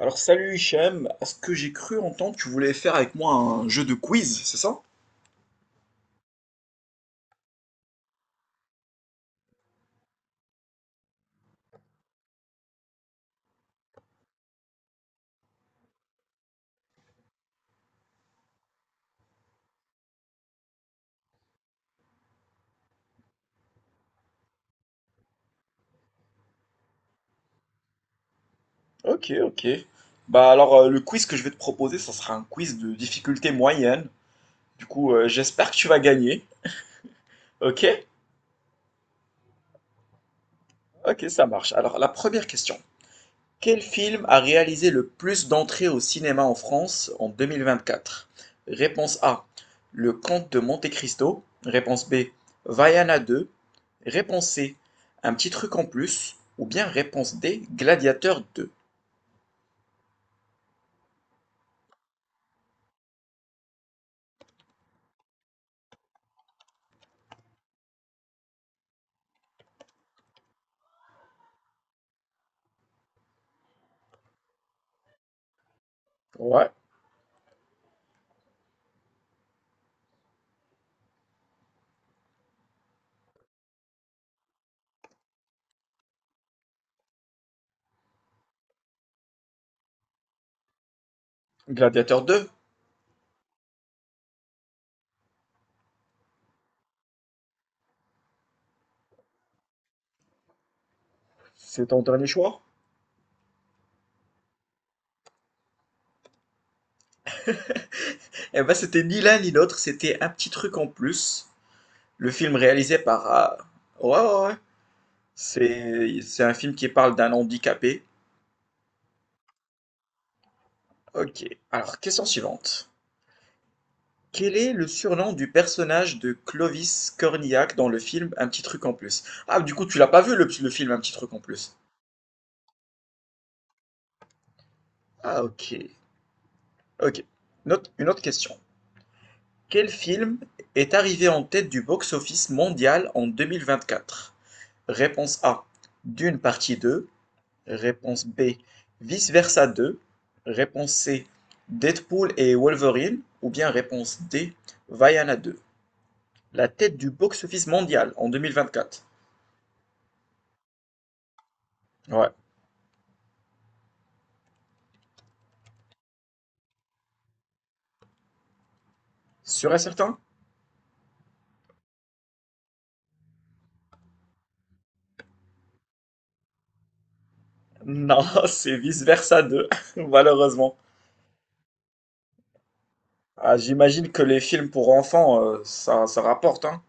Alors salut Hichem, à ce que j'ai cru entendre, tu voulais faire avec moi un jeu de quiz, c'est ça? Ok, ok. Bah alors le quiz que je vais te proposer, ça sera un quiz de difficulté moyenne. Du coup, j'espère que tu vas gagner. Ok? Ok, ça marche. Alors la première question. Quel film a réalisé le plus d'entrées au cinéma en France en deux mille vingt-quatre? Réponse A. Le Comte de Monte-Cristo. Réponse B. Vaiana deux. Réponse C. Un petit truc en plus. Ou bien réponse D. Gladiateur deux. Ouais, Gladiateur deux. C'est ton dernier choix? Eh ben c'était ni l'un ni l'autre, c'était un petit truc en plus. Le film réalisé par... Ouais, ouais, ouais. C'est un film qui parle d'un handicapé. Ok. Alors, question suivante. Quel est le surnom du personnage de Clovis Cornillac dans le film Un petit truc en plus? Ah, du coup, tu l'as pas vu le film Un petit truc en plus. Ah, ok. Ok. Une autre question. Quel film est arrivé en tête du box-office mondial en 2024? Réponse A. Dune partie deux. Réponse B. Vice versa deux. Réponse C. Deadpool et Wolverine. Ou bien réponse D. Vaiana deux. La tête du box-office mondial en 2024. Ouais. Sûr et certain? Non, c'est Vice-Versa deux. malheureusement. Ah, j'imagine que les films pour enfants, ça rapporte, hein?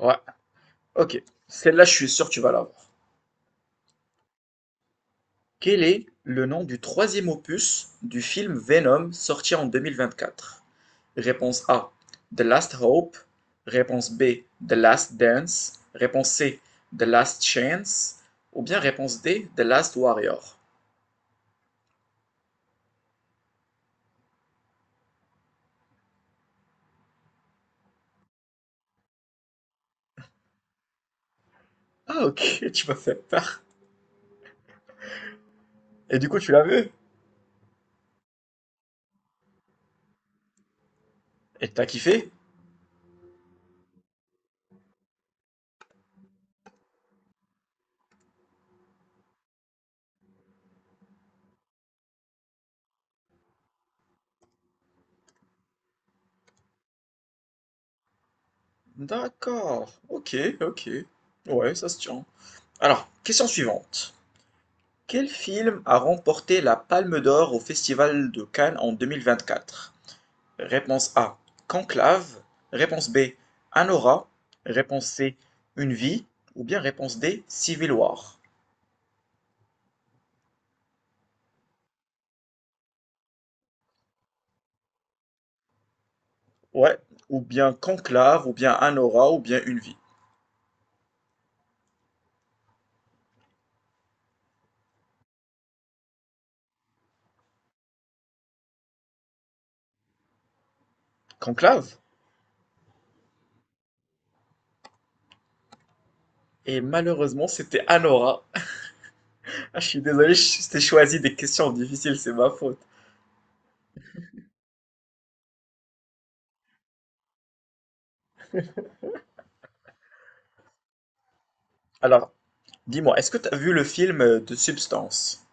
Ouais, OK. Celle-là, je suis sûr que tu vas l'avoir. Quel est le nom du troisième opus du film Venom sorti en deux mille vingt-quatre? Réponse A: The Last Hope. Réponse B: The Last Dance. Réponse C: The Last Chance. Ou bien réponse D: The Last Warrior. Ah OK, tu m'as fait peur. Et du coup, tu l'as vu? Et t'as kiffé? D'accord. Ok, ok. Ouais, ça se tient. Alors, question suivante. Quel film a remporté la Palme d'Or au Festival de Cannes en deux mille vingt-quatre? Réponse A, Conclave. Réponse B, Anora. Réponse C, Une vie. Ou bien réponse D, Civil War. Ouais, ou bien Conclave, ou bien Anora, ou bien Une vie. Conclave? Et malheureusement, c'était Anora. Ah, je suis désolé, je t'ai choisi des questions difficiles, c'est ma faute. Alors, dis-moi, est-ce que tu as vu le film de Substance?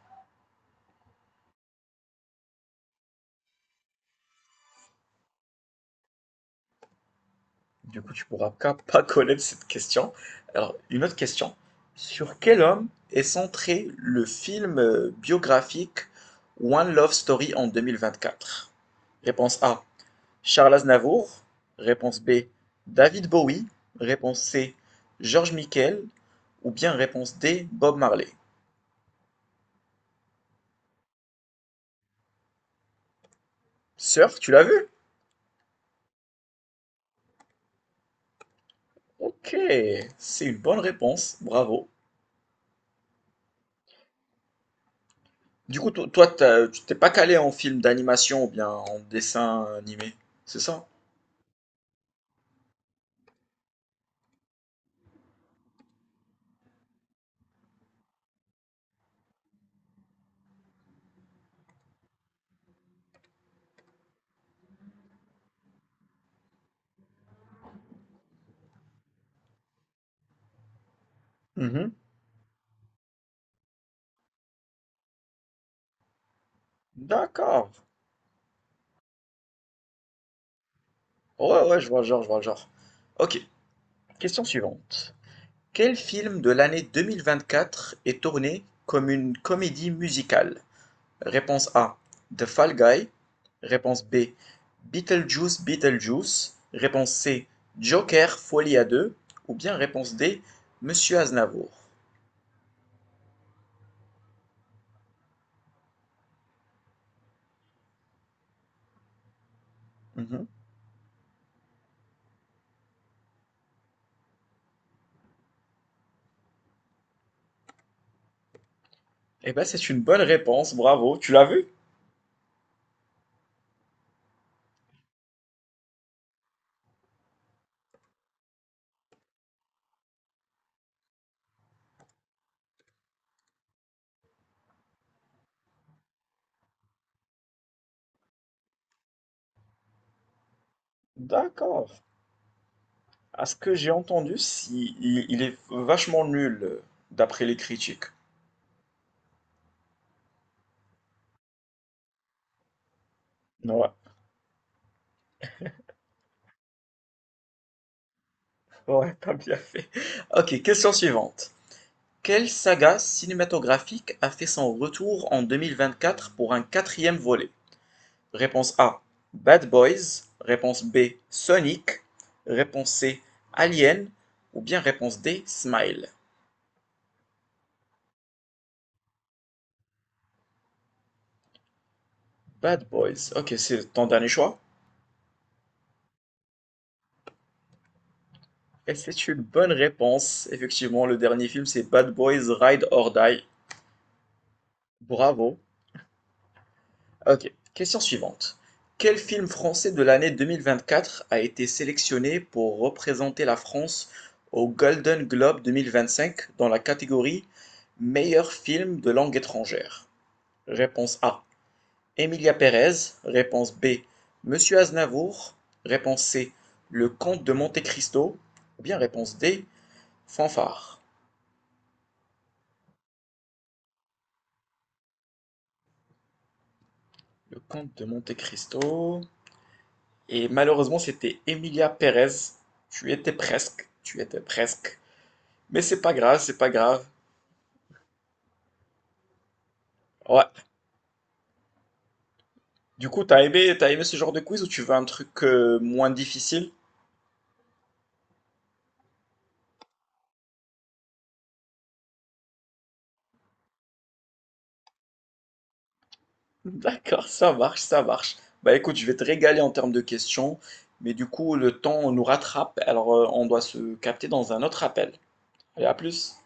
Du coup, tu pourras pas pas connaître cette question. Alors, une autre question. Sur quel homme est centré le film biographique One Love Story en 2024? Réponse A, Charles Aznavour. Réponse B, David Bowie. Réponse C, George Michael. Ou bien réponse D, Bob Marley. Sœur, tu l'as vu? Ok, c'est une bonne réponse. Bravo. Du coup, toi, tu t'es pas calé en film d'animation ou bien en dessin animé, c'est ça? Mhm. D'accord. Ouais, ouais, je vois le genre, je vois le genre. Ok, question suivante. Quel film de l'année 2024 est tourné comme une comédie musicale? Réponse A, The Fall Guy. Réponse B, Beetlejuice, Beetlejuice. Réponse C, Joker, Folie à deux. Ou bien réponse D, Monsieur Aznavour. Mhm. Eh ben, c'est une bonne réponse, bravo. Tu l'as vu? D'accord. À ce que j'ai entendu, si, il est vachement nul, d'après les critiques. Ouais, ouais, t'as bien fait. Ok, question suivante. Quelle saga cinématographique a fait son retour en 2024 pour un quatrième volet? Réponse A, Bad Boys. Réponse B, Sonic. Réponse C, Alien. Ou bien réponse D, Smile. Bad Boys. Ok, c'est ton dernier choix? Et c'est une bonne réponse. Effectivement, le dernier film, c'est Bad Boys Ride or Die. Bravo. Ok, question suivante. Quel film français de l'année 2024 a été sélectionné pour représenter la France au Golden Globe 2025 dans la catégorie Meilleur film de langue étrangère? Réponse A. Emilia Pérez. Réponse B. Monsieur Aznavour. Réponse C. Le Comte de Monte Cristo. Ou bien réponse D. Fanfare. Le comte de Monte-Cristo. Et malheureusement, c'était Emilia Pérez. Tu étais presque. Tu étais presque. Mais c'est pas grave, c'est pas grave. Ouais. Du coup, t'as aimé ce genre de quiz ou tu veux un truc moins difficile? D'accord, ça marche, ça marche. Bah écoute, je vais te régaler en termes de questions, mais du coup, le temps nous rattrape, alors on doit se capter dans un autre appel. Allez, à plus.